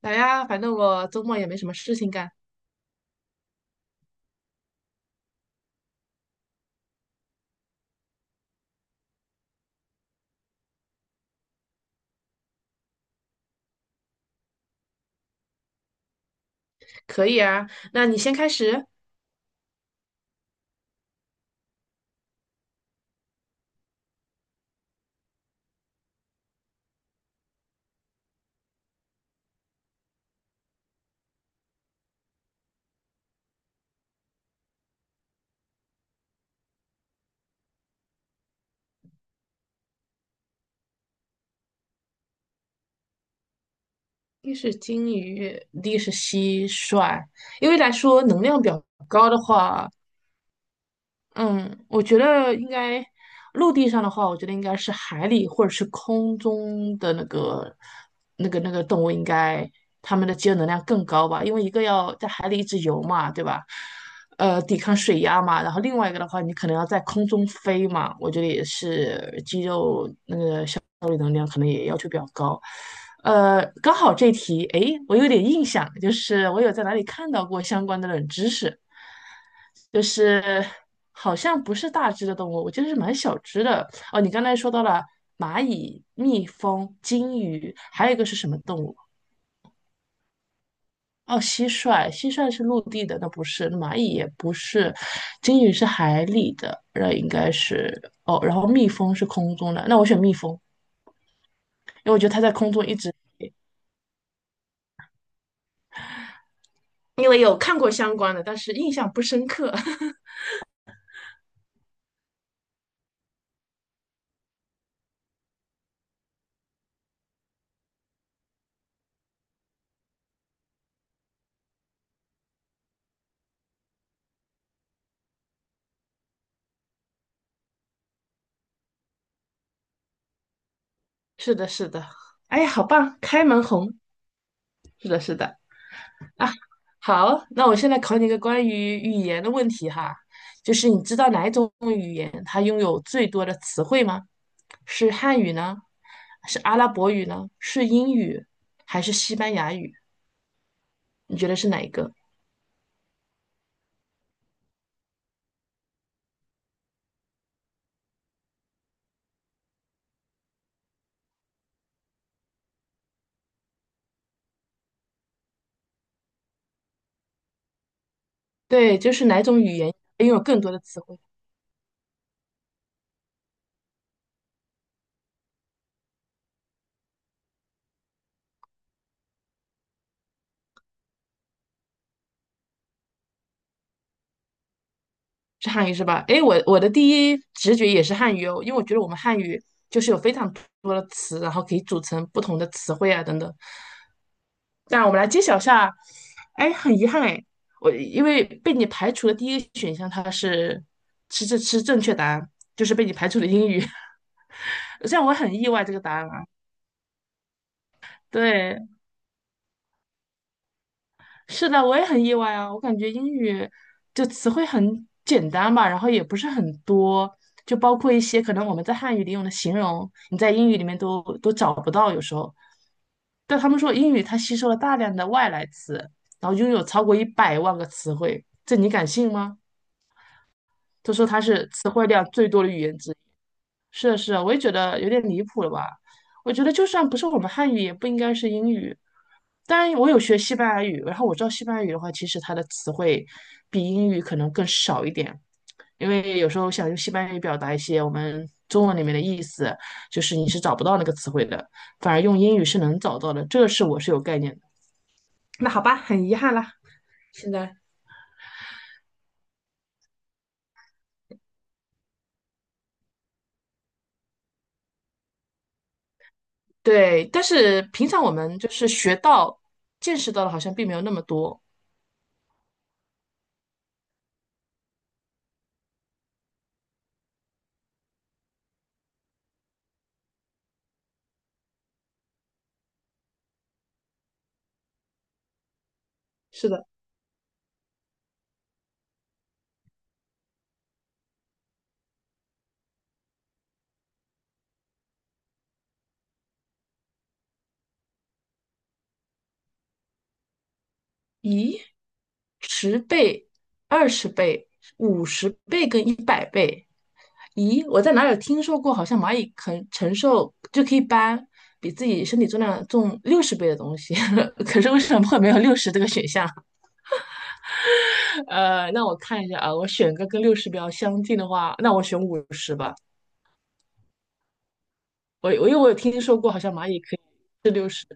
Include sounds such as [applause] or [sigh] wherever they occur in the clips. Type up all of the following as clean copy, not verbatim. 来呀，反正我周末也没什么事情干，可以啊。那你先开始。一是金鱼，一是蟋蟀。因为来说能量比较高的话，嗯，我觉得应该陆地上的话，我觉得应该是海里或者是空中的那个动物，应该它们的肌肉能量更高吧？因为一个要在海里一直游嘛，对吧？抵抗水压嘛，然后另外一个的话，你可能要在空中飞嘛，我觉得也是肌肉效率能量可能也要求比较高。刚好这题，诶，我有点印象，就是我有在哪里看到过相关的冷知识，就是好像不是大只的动物，我记得是蛮小只的。哦，你刚才说到了蚂蚁、蜜蜂、金鱼，还有一个是什么动物？哦，蟋蟀，蟋蟀是陆地的，那不是，那蚂蚁也不是，金鱼是海里的，那应该是哦，然后蜜蜂是空中的，那我选蜜蜂，因为我觉得它在空中一直因为有看过相关的，但是印象不深刻。[laughs] 是的，是的，哎，好棒，开门红。是的，是的啊，好，那我现在考你一个关于语言的问题哈，就是你知道哪一种语言它拥有最多的词汇吗？是汉语呢？是阿拉伯语呢？是英语还是西班牙语？你觉得是哪一个？对，就是哪种语言拥有更多的词汇？是汉语是吧？诶，我的第一直觉也是汉语哦，因为我觉得我们汉语就是有非常多的词，然后可以组成不同的词汇啊等等。那我们来揭晓一下，哎，很遗憾哎，我因为被你排除的第一个选项它是是这是正确答案，就是被你排除的英语，[laughs] 虽然我很意外这个答案啊，对，是的，我也很意外啊！我感觉英语就词汇很简单吧，然后也不是很多，就包括一些可能我们在汉语里用的形容，你在英语里面都找不到，有时候。但他们说英语它吸收了大量的外来词，然后拥有超过100万个词汇，这你敢信吗？他说它是词汇量最多的语言之一。是的，是的，我也觉得有点离谱了吧？我觉得就算不是我们汉语，也不应该是英语。当然，我有学西班牙语，然后我知道西班牙语的话，其实它的词汇比英语可能更少一点，因为有时候想用西班牙语表达一些我们中文里面的意思，就是你是找不到那个词汇的，反而用英语是能找到的，这个是我是有概念的。那好吧，很遗憾啦，现在对，但是平常我们就是学到、见识到的，好像并没有那么多。是的。咦，十倍、20倍、50倍跟100倍，咦，我在哪里听说过？好像蚂蚁肯承受就可以搬比自己身体重量重六十倍的东西，[laughs] 可是为什么会没有60这个选项？[laughs] 那我看一下啊，我选个跟六十比较相近的话，那我选五十吧。我因为我有听说过，好像蚂蚁可以是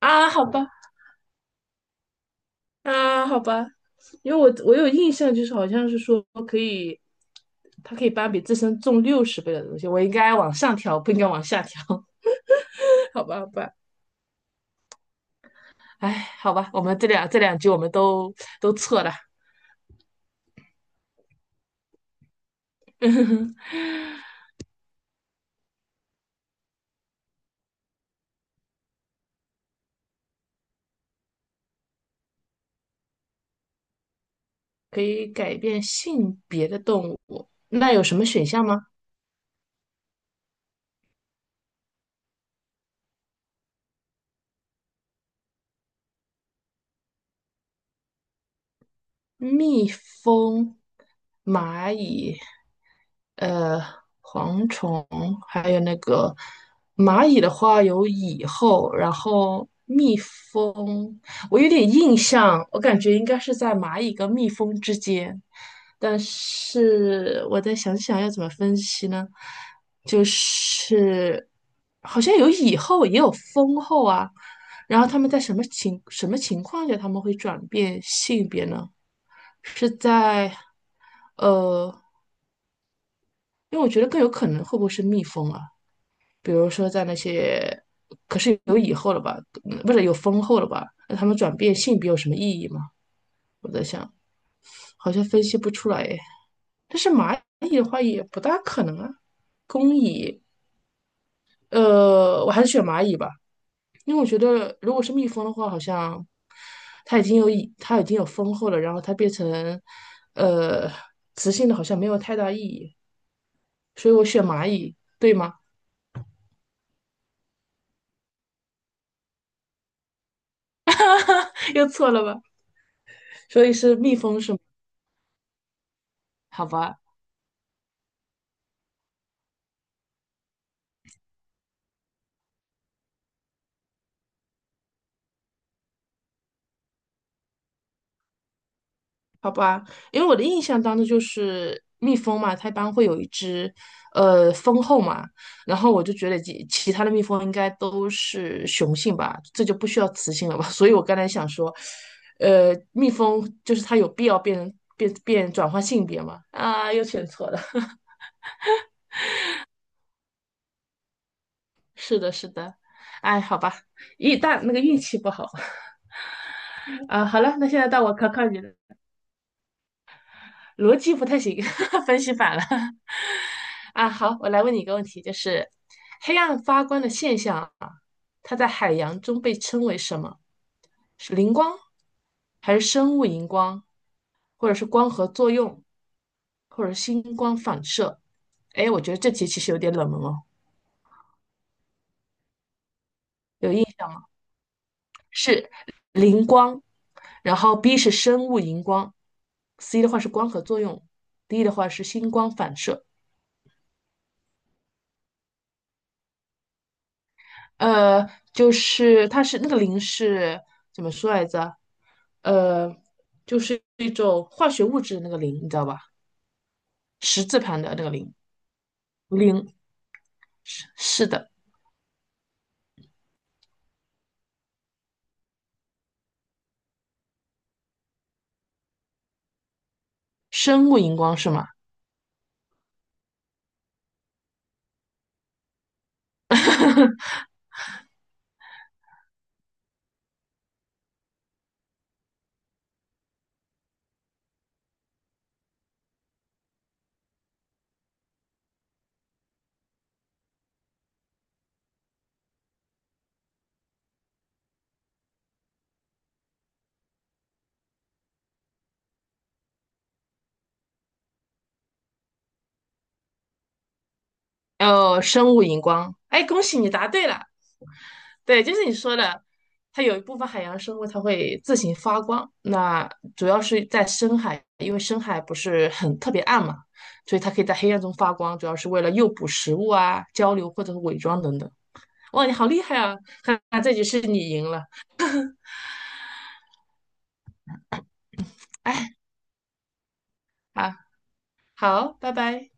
啊，好吧。啊，好吧，因为我有印象，就是好像是说可以，它可以搬比自身重六十倍的东西，我应该往上调，不应该往下调，[laughs] 好吧，好吧，哎，好吧，我们这两句我们都错了，[laughs] 可以改变性别的动物，那有什么选项吗？蜜蜂、蚂蚁、呃，蝗虫，还有那个蚂蚁的话有蚁后，然后蜜蜂，我有点印象，我感觉应该是在蚂蚁跟蜜蜂之间，但是我再想想要怎么分析呢？就是好像有蚁后，也有蜂后啊，然后他们在什么情况下他们会转变性别呢？是在。呃，因为我觉得更有可能会不会是蜜蜂啊？比如说在那些，可是有蚁后了吧？不是有蜂后了吧？那他们转变性别有什么意义吗？我在想，好像分析不出来诶。但是蚂蚁的话也不大可能啊，工蚁，我还是选蚂蚁吧，因为我觉得如果是蜜蜂的话，好像它已经有蚁，它已经有蜂后了，然后它变成呃雌性的，好像没有太大意义。所以我选蚂蚁，对吗？[laughs] 又错了吧？所以是蜜蜂是吗？好吧，好吧，因为我的印象当中就是蜜蜂嘛，它一般会有一只蜂后嘛，然后我就觉得其他的蜜蜂应该都是雄性吧，这就不需要雌性了吧？[laughs] 所以我刚才想说，蜜蜂就是它有必要变变变转换性别吗？啊，又选错了。[laughs] 是的，是的。哎，好吧，一大那个运气不好 [laughs] 啊。好了，那现在到我考考你了。逻辑不太行，[laughs] 分析反了。[laughs] 啊，好，我来问你一个问题，就是黑暗发光的现象啊，它在海洋中被称为什么？是磷光，还是生物荧光，或者是光合作用，或者是星光反射？哎，我觉得这题其实有点冷门哦，有印象吗？是磷光，然后 B 是生物荧光，C 的话是光合作用，D 的话是星光反射。呃，就是它是那个磷是怎么说来着？呃，就是一种化学物质的那个磷，你知道吧？十字盘的那个磷，磷是的，生物荧光是吗？哦，生物荧光，哎，恭喜你答对了。对，就是你说的，它有一部分海洋生物它会自行发光，那主要是在深海，因为深海不是很特别暗嘛，所以它可以在黑暗中发光，主要是为了诱捕食物啊、交流或者是伪装等等。哇，你好厉害啊！哈哈，这局是你赢了。哎，好，好，拜拜。